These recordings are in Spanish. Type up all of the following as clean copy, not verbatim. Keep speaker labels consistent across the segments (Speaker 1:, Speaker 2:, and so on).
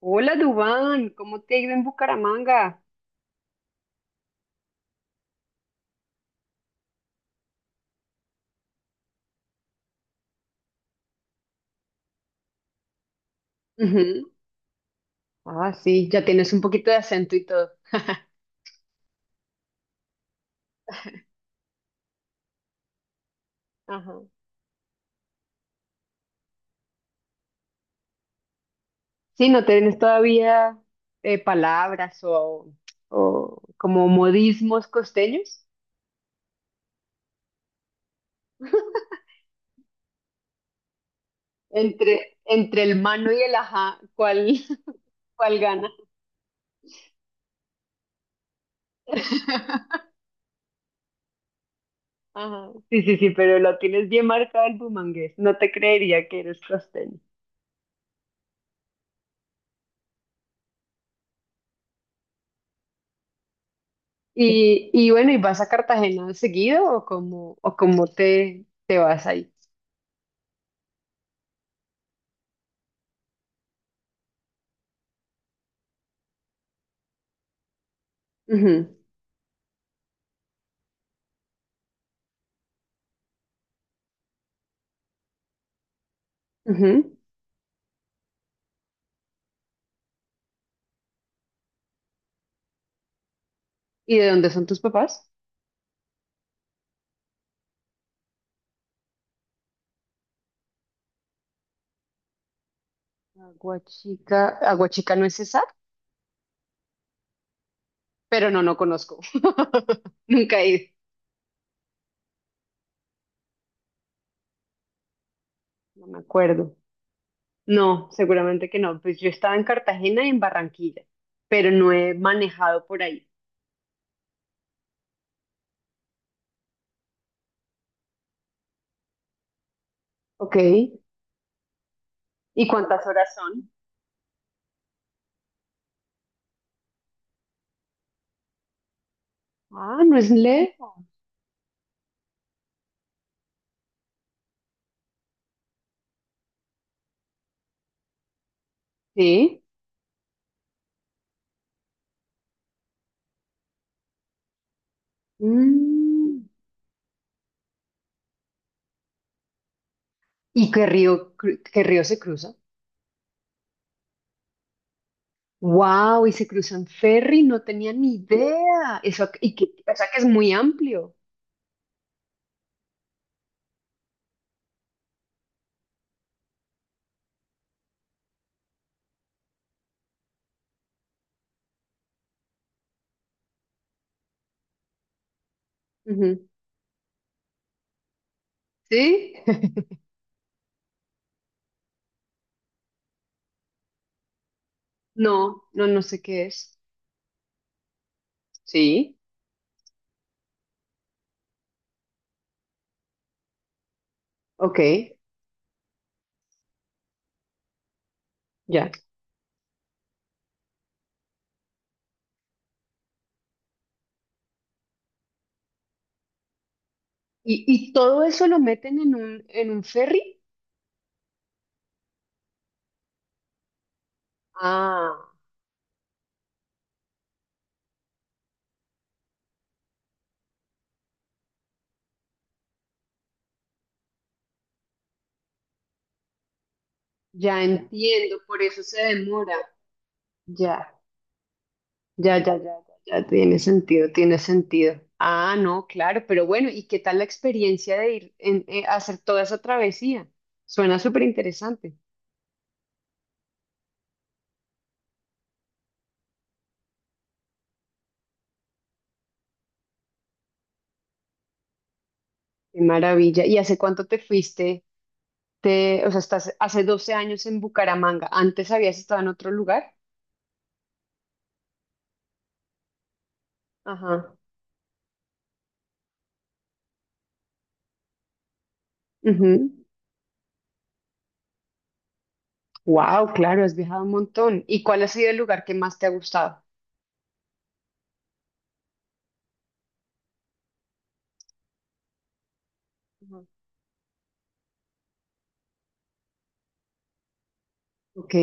Speaker 1: Hola, Dubán, ¿cómo te ha ido en Bucaramanga? Ujú. Ah, sí, ya tienes un poquito de acento y todo. Ajá. Sí, no tienes todavía palabras o como modismos costeños. Entre el mano y el ajá, ¿cuál, cuál gana? Ajá. Sí, sí, sí, pero lo tienes bien marcado el bumangués. No te creería que eres costeño. Y bueno, ¿y vas a Cartagena seguido o cómo te vas ahí? Ujú. Ujú. ¿Y de dónde son tus papás? Aguachica, Aguachica no es Cesar, pero no conozco. Nunca he ido. No me acuerdo. No, seguramente que no. Pues yo estaba en Cartagena y en Barranquilla, pero no he manejado por ahí. Ok. ¿Y cuántas horas son? Ah, no es lejos. Sí. Mm. ¿Y qué río, qué río se cruza? Wow, y se cruzan ferry, no tenía ni idea. Eso, y que, o sea que es muy amplio. Ujú. ¿Sí? No, no, no sé qué es. Sí, ok, ya. Y todo eso lo meten en un ferry? Ah, ya entiendo, por eso se demora. Ya, ya, ya, ya, ya, ya, tiene sentido, tiene sentido. Ah, no, claro, pero bueno, ¿y qué tal la experiencia de ir en, hacer toda esa travesía? Suena súper interesante. Qué maravilla. ¿Y hace cuánto te fuiste? O sea, estás hace 12 años en Bucaramanga. ¿Antes habías estado en otro lugar? Ajá. Ujú. Wow, claro, has viajado un montón. ¿Y cuál ha sido el lugar que más te ha gustado? Ujú. Ok.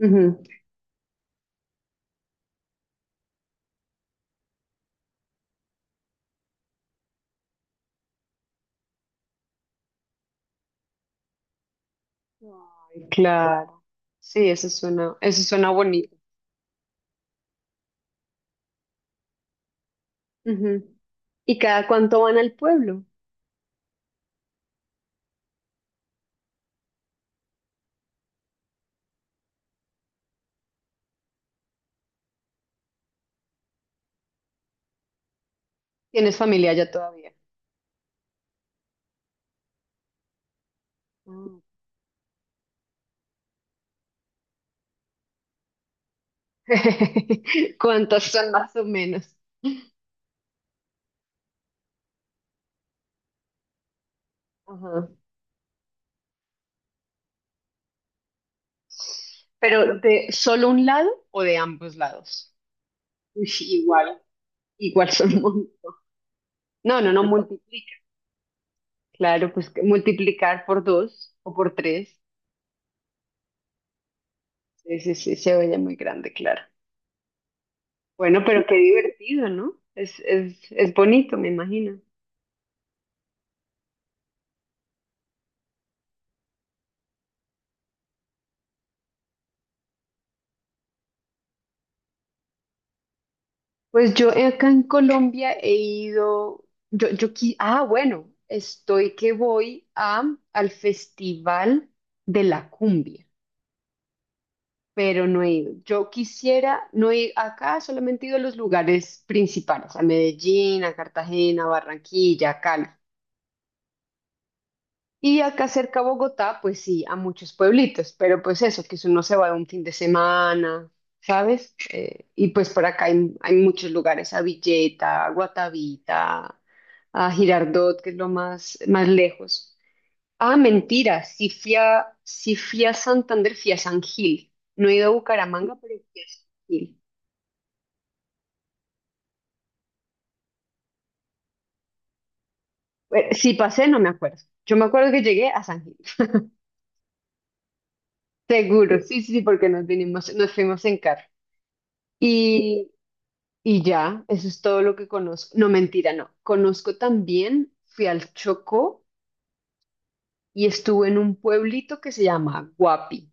Speaker 1: Ujú. Ay, claro. Sí, eso suena bonito. Ujú. ¿Y cada cuánto van al pueblo? ¿Tienes familia ya todavía? Ah, ¿Cuántas son más o menos? Ajá. ¿Pero de solo un lado o de ambos lados? Uy, igual, igual son. No, no, no, multiplica. Claro, pues que multiplicar por dos o por tres. Sí, sí, sí, se oye muy grande, claro. Bueno, pero qué divertido, ¿no? Es bonito, me imagino. Pues yo acá en Colombia he ido, bueno, estoy que voy a, al Festival de la Cumbia, pero no he ido. Yo quisiera, no he, acá solamente he ido a los lugares principales, a Medellín, a Cartagena, Barranquilla, Cali. Y acá cerca a Bogotá, pues sí, a muchos pueblitos, pero pues eso, que si uno se va de un fin de semana, ¿sabes? Y pues por acá hay muchos lugares, a Villeta, a Guatavita, a Girardot, que es lo más, más lejos. Ah, mentira, sí fui a Santander, fui a San Gil. No he ido a Bucaramanga, pero fui a San Gil. Bueno, si pasé, no me acuerdo. Yo me acuerdo que llegué a San Gil. Seguro, sí, sí, sí, porque nos vinimos, nos fuimos en carro. y Y ya, eso es todo lo que conozco. No, mentira, no. Conozco también, fui al Chocó y estuve en un pueblito que se llama Guapi.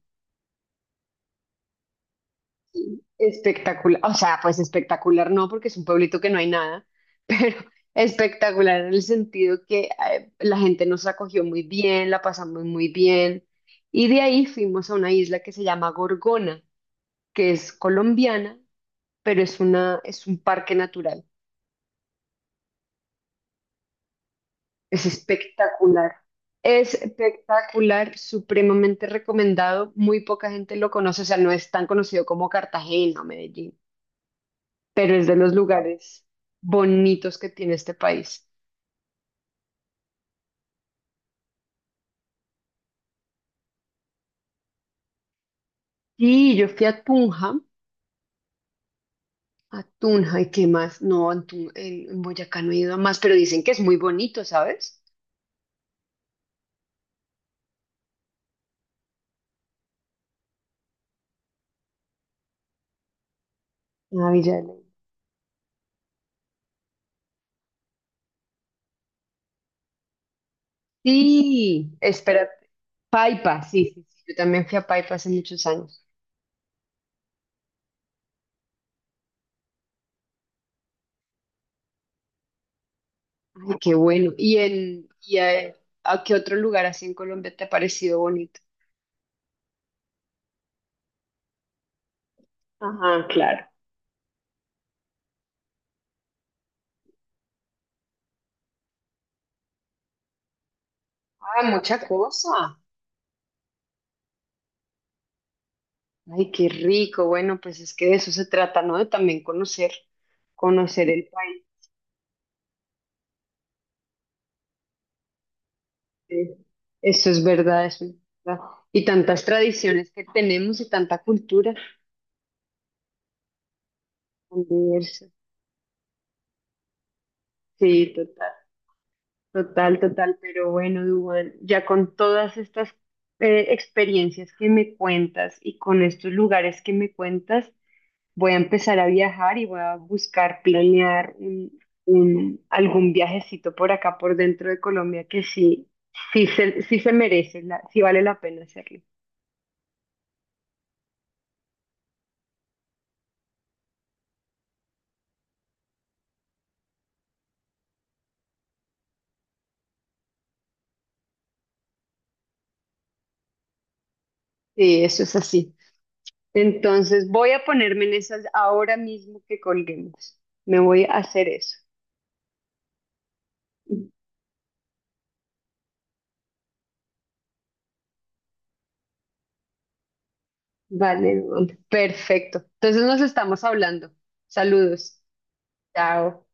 Speaker 1: Espectacular, o sea, pues espectacular no, porque es un pueblito que no hay nada, pero espectacular en el sentido que la gente nos acogió muy bien, la pasamos muy bien. Y de ahí fuimos a una isla que se llama Gorgona, que es colombiana, pero es un parque natural. Es espectacular. Es espectacular, supremamente recomendado. Muy poca gente lo conoce, o sea, no es tan conocido como Cartagena o Medellín, pero es de los lugares bonitos que tiene este país. Y yo fui a Tunja, ¿y qué más? No, en Boyacá no he ido a más, pero dicen que es muy bonito, ¿sabes? Ah, Villa de Leyva. Sí, espérate. Paipa, sí, sí, sí. Yo también fui a Paipa hace muchos años. Ay, qué bueno. ¿A qué otro lugar así en Colombia te ha parecido bonito? Ajá, claro. Ah, mucha cosa. Ay, qué rico. Bueno, pues es que de eso se trata, ¿no? De también conocer el país. Eh, Eso es verdad, eso es verdad. Y tantas tradiciones que tenemos y tanta cultura tan diversa. Sí, total, total, total. Pero bueno, Dubán, ya con todas estas experiencias que me cuentas y con estos lugares que me cuentas, voy a empezar a viajar y voy a buscar planear algún viajecito por acá, por dentro de Colombia, que sí, sí se merece, sí vale la pena hacerlo. Sí, eso es así. Entonces voy a ponerme en esas ahora mismo que colguemos. Me voy a hacer eso. Vale, vale. Perfecto. Entonces nos estamos hablando. Saludos. Chao.